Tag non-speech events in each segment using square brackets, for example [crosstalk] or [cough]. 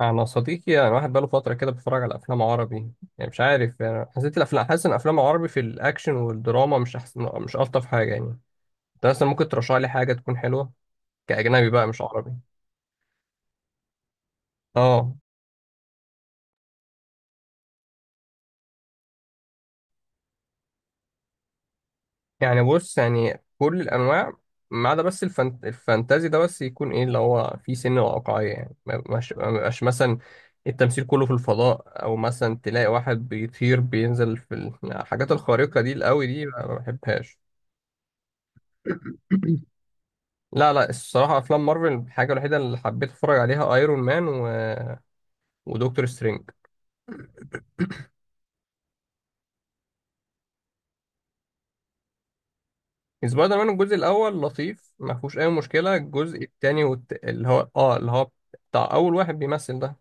انا صديقي يعني واحد بقاله فتره كده بيتفرج على افلام عربي. يعني مش عارف، يعني حسيت الافلام، حاسس ان افلام عربي في الاكشن والدراما مش احسن، مش الطف حاجه يعني. انت مثلا ممكن ترشح لي حاجه تكون حلوه، كاجنبي بقى مش عربي. اه. يعني بص، يعني كل الانواع ما عدا بس الفانتازي، ده بس يكون ايه اللي هو فيه سن واقعيه يعني. ما يبقاش مثلا التمثيل كله في الفضاء، او مثلا تلاقي واحد بيطير بينزل في الحاجات الخارقه دي القوي دي، ما بحبهاش. لا لا، الصراحة أفلام مارفل الحاجة الوحيدة اللي حبيت أتفرج عليها أيرون مان ودكتور سترينج. سبايدر مان الجزء الأول لطيف، ما فيهوش أي مشكلة. الجزء التاني والت... اللي هو آه اللي هو بتاع أول واحد بيمثل ده.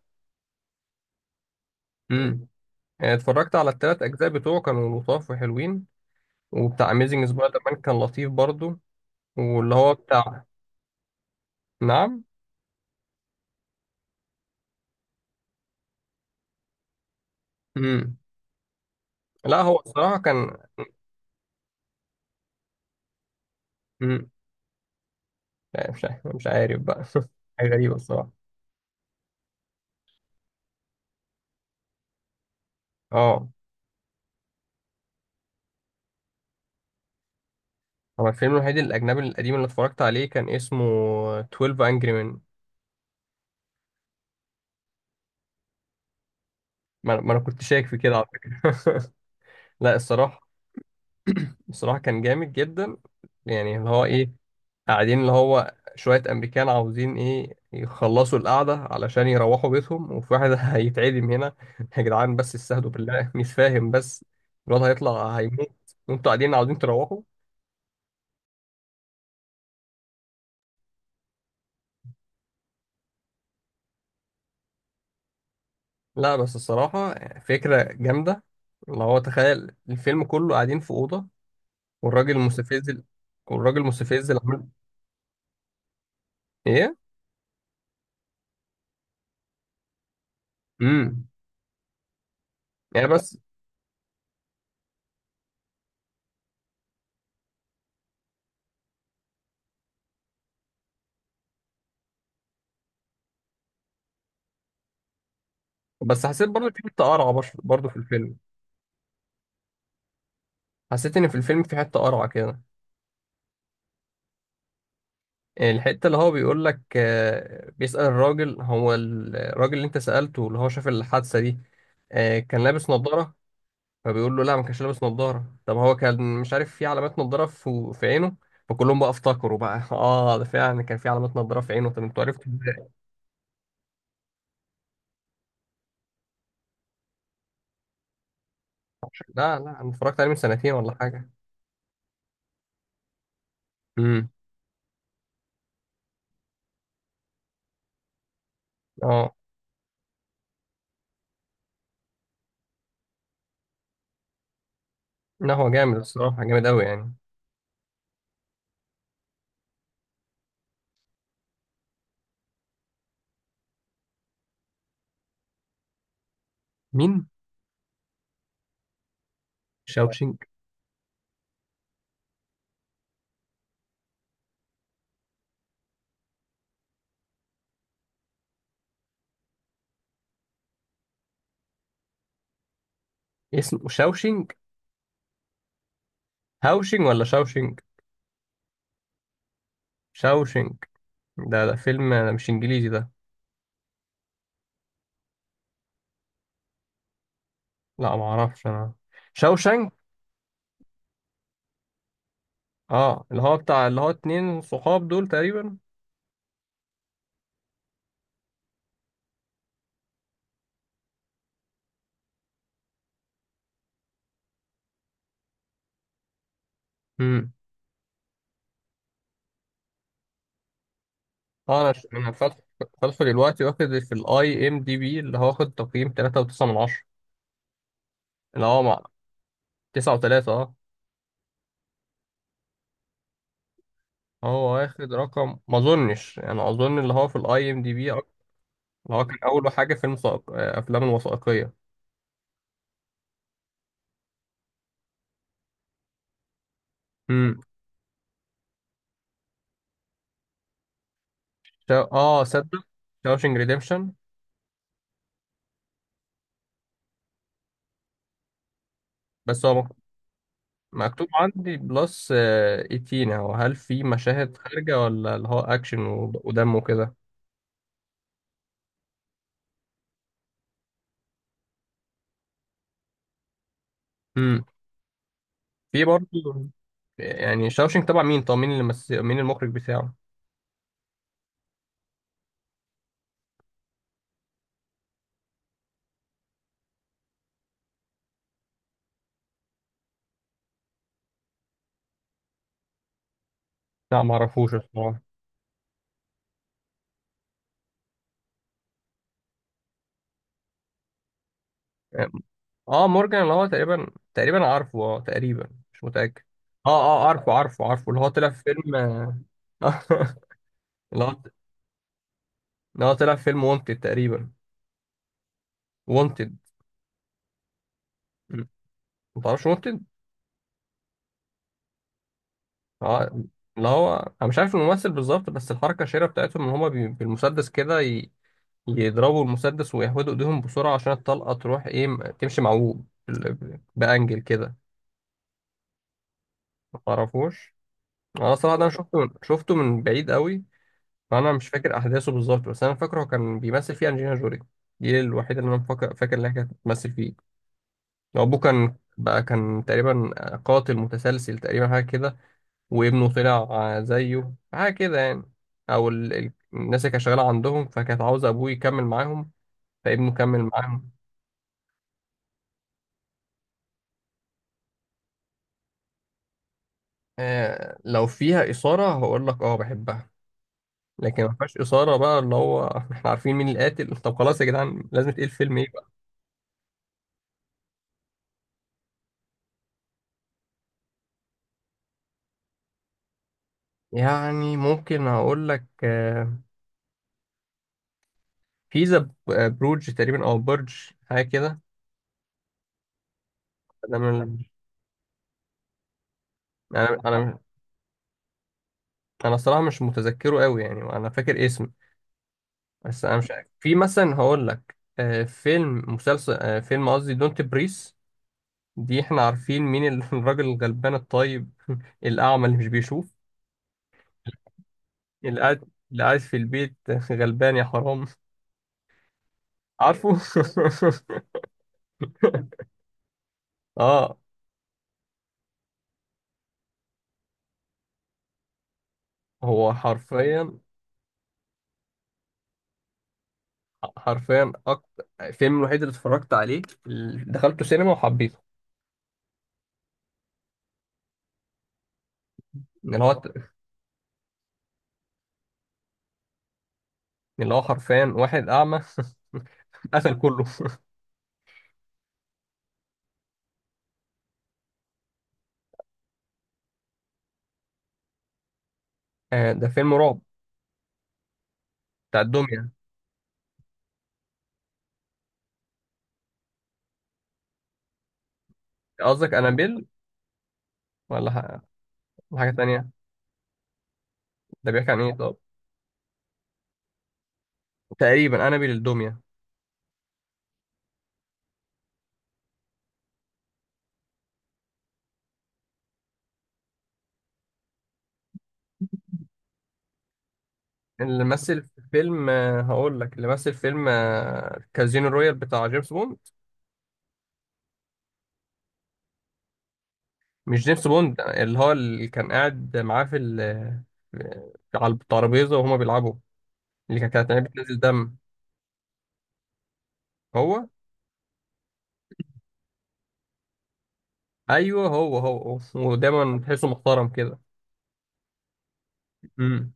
امم اتفرجت على التلات أجزاء بتوعه، كانوا لطاف وحلوين. وبتاع أميزنج سبايدر مان كان لطيف برضو، واللي هو بتاع. نعم. امم لا، هو الصراحة كان. امم لا، مش عارف بقى. [laughs] حاجة غريبة الصراحة. اه، هو الفيلم الوحيد الأجنبي القديم اللي اتفرجت عليه كان اسمه 12 Angry Men. ما أنا كنت شايك في كده على فكرة. [laughs] لا الصراحة، كان جامد جدا. يعني اللي هو إيه، قاعدين اللي هو شوية أمريكان عاوزين إيه يخلصوا القعدة علشان يروحوا بيتهم، وفي واحد [laughs] هيتعدم هنا. يا جدعان بس استهدوا بالله، مش فاهم بس. الواد هيطلع هيموت، وأنتوا قاعدين عاوزين تروحوا. لا بس الصراحة، فكرة جامدة، اللي هو تخيل الفيلم كله قاعدين في أوضة. والراجل المستفز والراجل المستفز اللي عمل ايه. امم يعني بس بس. حسيت برضه في حته قرعه برش- برضه في الفيلم حسيت ان في الفيلم في حته قرعه كده. يعني الحته اللي هو بيقول لك بيسأل الراجل، هو الراجل اللي انت سألته اللي هو شاف الحادثه دي كان لابس نظاره. فبيقول له لا ما كانش لابس نظاره. طب هو كان مش عارف في علامات نظاره في عينه. فكلهم بقى افتكروا بقى [laughs] اه، ده فعلا كان في علامات نظاره في عينه. طب انتوا عرفتوا ازاي؟ لا لا، انا اتفرجت عليه من سنتين ولا حاجه. امم اه، لا هو جامد الصراحة، جامد أوي يعني. مين؟ شاوشينج. اسمه شاوشينج. هاوشينج ولا شاوشينج؟ شاوشينج؟ ده فيلم مش إنجليزي ده. لا ما أعرفش أنا. شاوشانك. اه، اللي هو بتاع اللي هو اتنين صحاب دول تقريبا. امم اه، أنا فاتح، فاتحه دلوقتي. واخد في الأي إم دي بي، اللي هو واخد تقييم تلاتة وتسعة من عشرة، اللي هو مع تسعة وتلاتة اه. هو واخد رقم، ما أظنش يعني، أظن اللي هو في الأي إم دي بي اللي هو كان أول حاجة فيلم أفلام الوثائقية. اه صدق، شاوشنج ريديمشن. بس هو مكتوب عندي بلس 18 اهو. هل في مشاهد خارجة، ولا اللي هو اكشن ودم وكده؟ امم في برضه. يعني شاوشنج تبع مين؟ طب مين مين المخرج بتاعه؟ لا ما اعرفوش الصراحة. اه، مورجان اللي هو تقريبا، عارفه، اه تقريبا مش متأكد. اه، اه عارفه، عارفه اللي هو طلع في فيلم. [laughs] اللي هو اللي هو طلع في فيلم وونتد تقريبا. وونتد. ما تعرفش وونتد؟ اه، اللي هو، انا مش عارف الممثل بالظبط، بس الحركه الشهيره بتاعتهم ان هما بالمسدس كده يضربوا المسدس ويهودوا ايديهم بسرعه عشان الطلقه تروح ايه، تمشي معوج بانجل كده. ما تعرفوش؟ انا صراحه ده انا شفته من بعيد قوي. فانا مش فاكر احداثه بالظبط. بس انا فاكره هو كان بيمثل فيه انجلينا جولي. دي الوحيده اللي انا فاكر انها كانت بتمثل فيه. ابوه كان بقى، كان تقريبا قاتل متسلسل تقريبا، حاجه كده. وابنه طلع زيه حاجة كده يعني. الناس اللي كانت شغالة عندهم، فكانت عاوزة أبوه يكمل معاهم، فابنه كمل معاهم. آه لو فيها إثارة هقول لك أه بحبها. لكن ما فيهاش إثارة بقى، اللي هو [laughs] إحنا عارفين مين القاتل. طب خلاص يا جدعان، لازم تقيل فيلم إيه بقى. يعني ممكن أقول لك آه، في ذا بروج تقريبا، أو برج حاجة كده. أنا من... أنا أنا أنا الصراحة مش متذكره قوي يعني، أنا فاكر اسمه. بس انا مش عارف، في مثلا هقول لك فيلم مسلسل، فيلم قصدي دونت بريس، دي احنا عارفين مين [laughs] الراجل الغلبان الطيب الاعمى اللي مش بيشوف، اللي قاعد في البيت. [laughs] غلبان يا حرام. عارفه. [laughs] اه، هو حرفيا، اكتر الفيلم الوحيد اللي اتفرجت عليه، اللي دخلته سينما وحبيته. ان اللي هو، اللي هو حرفيا واحد اعمى [laughs] قتل كله. ده فيلم رعب بتاع الدمية. قصدك انابيل ولا ح- ولا حاجة تانية؟ ده بيحكي عن ايه طب؟ تقريبا انابيل الدمية. اللي مثل في فيلم هقول لك اللي مثل فيلم كازينو رويال بتاع جيمس بوند. مش جيمس بوند، اللي هو اللي كان قاعد معاه في على الترابيزة وهما بيلعبوا، اللي كانت عينيه بتنزل دم. هو، ايوه هو هو هو. ودايما تحسه محترم كده. امم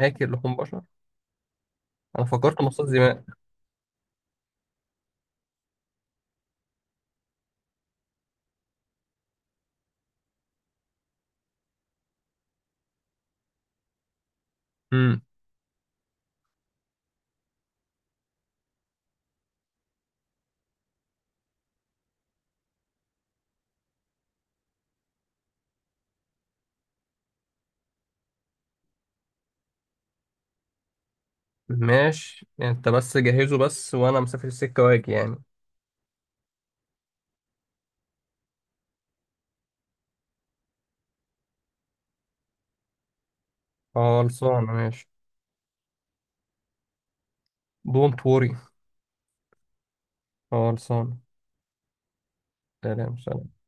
اكل لحوم بشر، انا فكرت مصاص دماء. امم ماشي، انت بس جهزه بس وانا مسافر السكة واجي يعني. خلصانة ماشي. دونت وري. خلصانة. سلام سلام.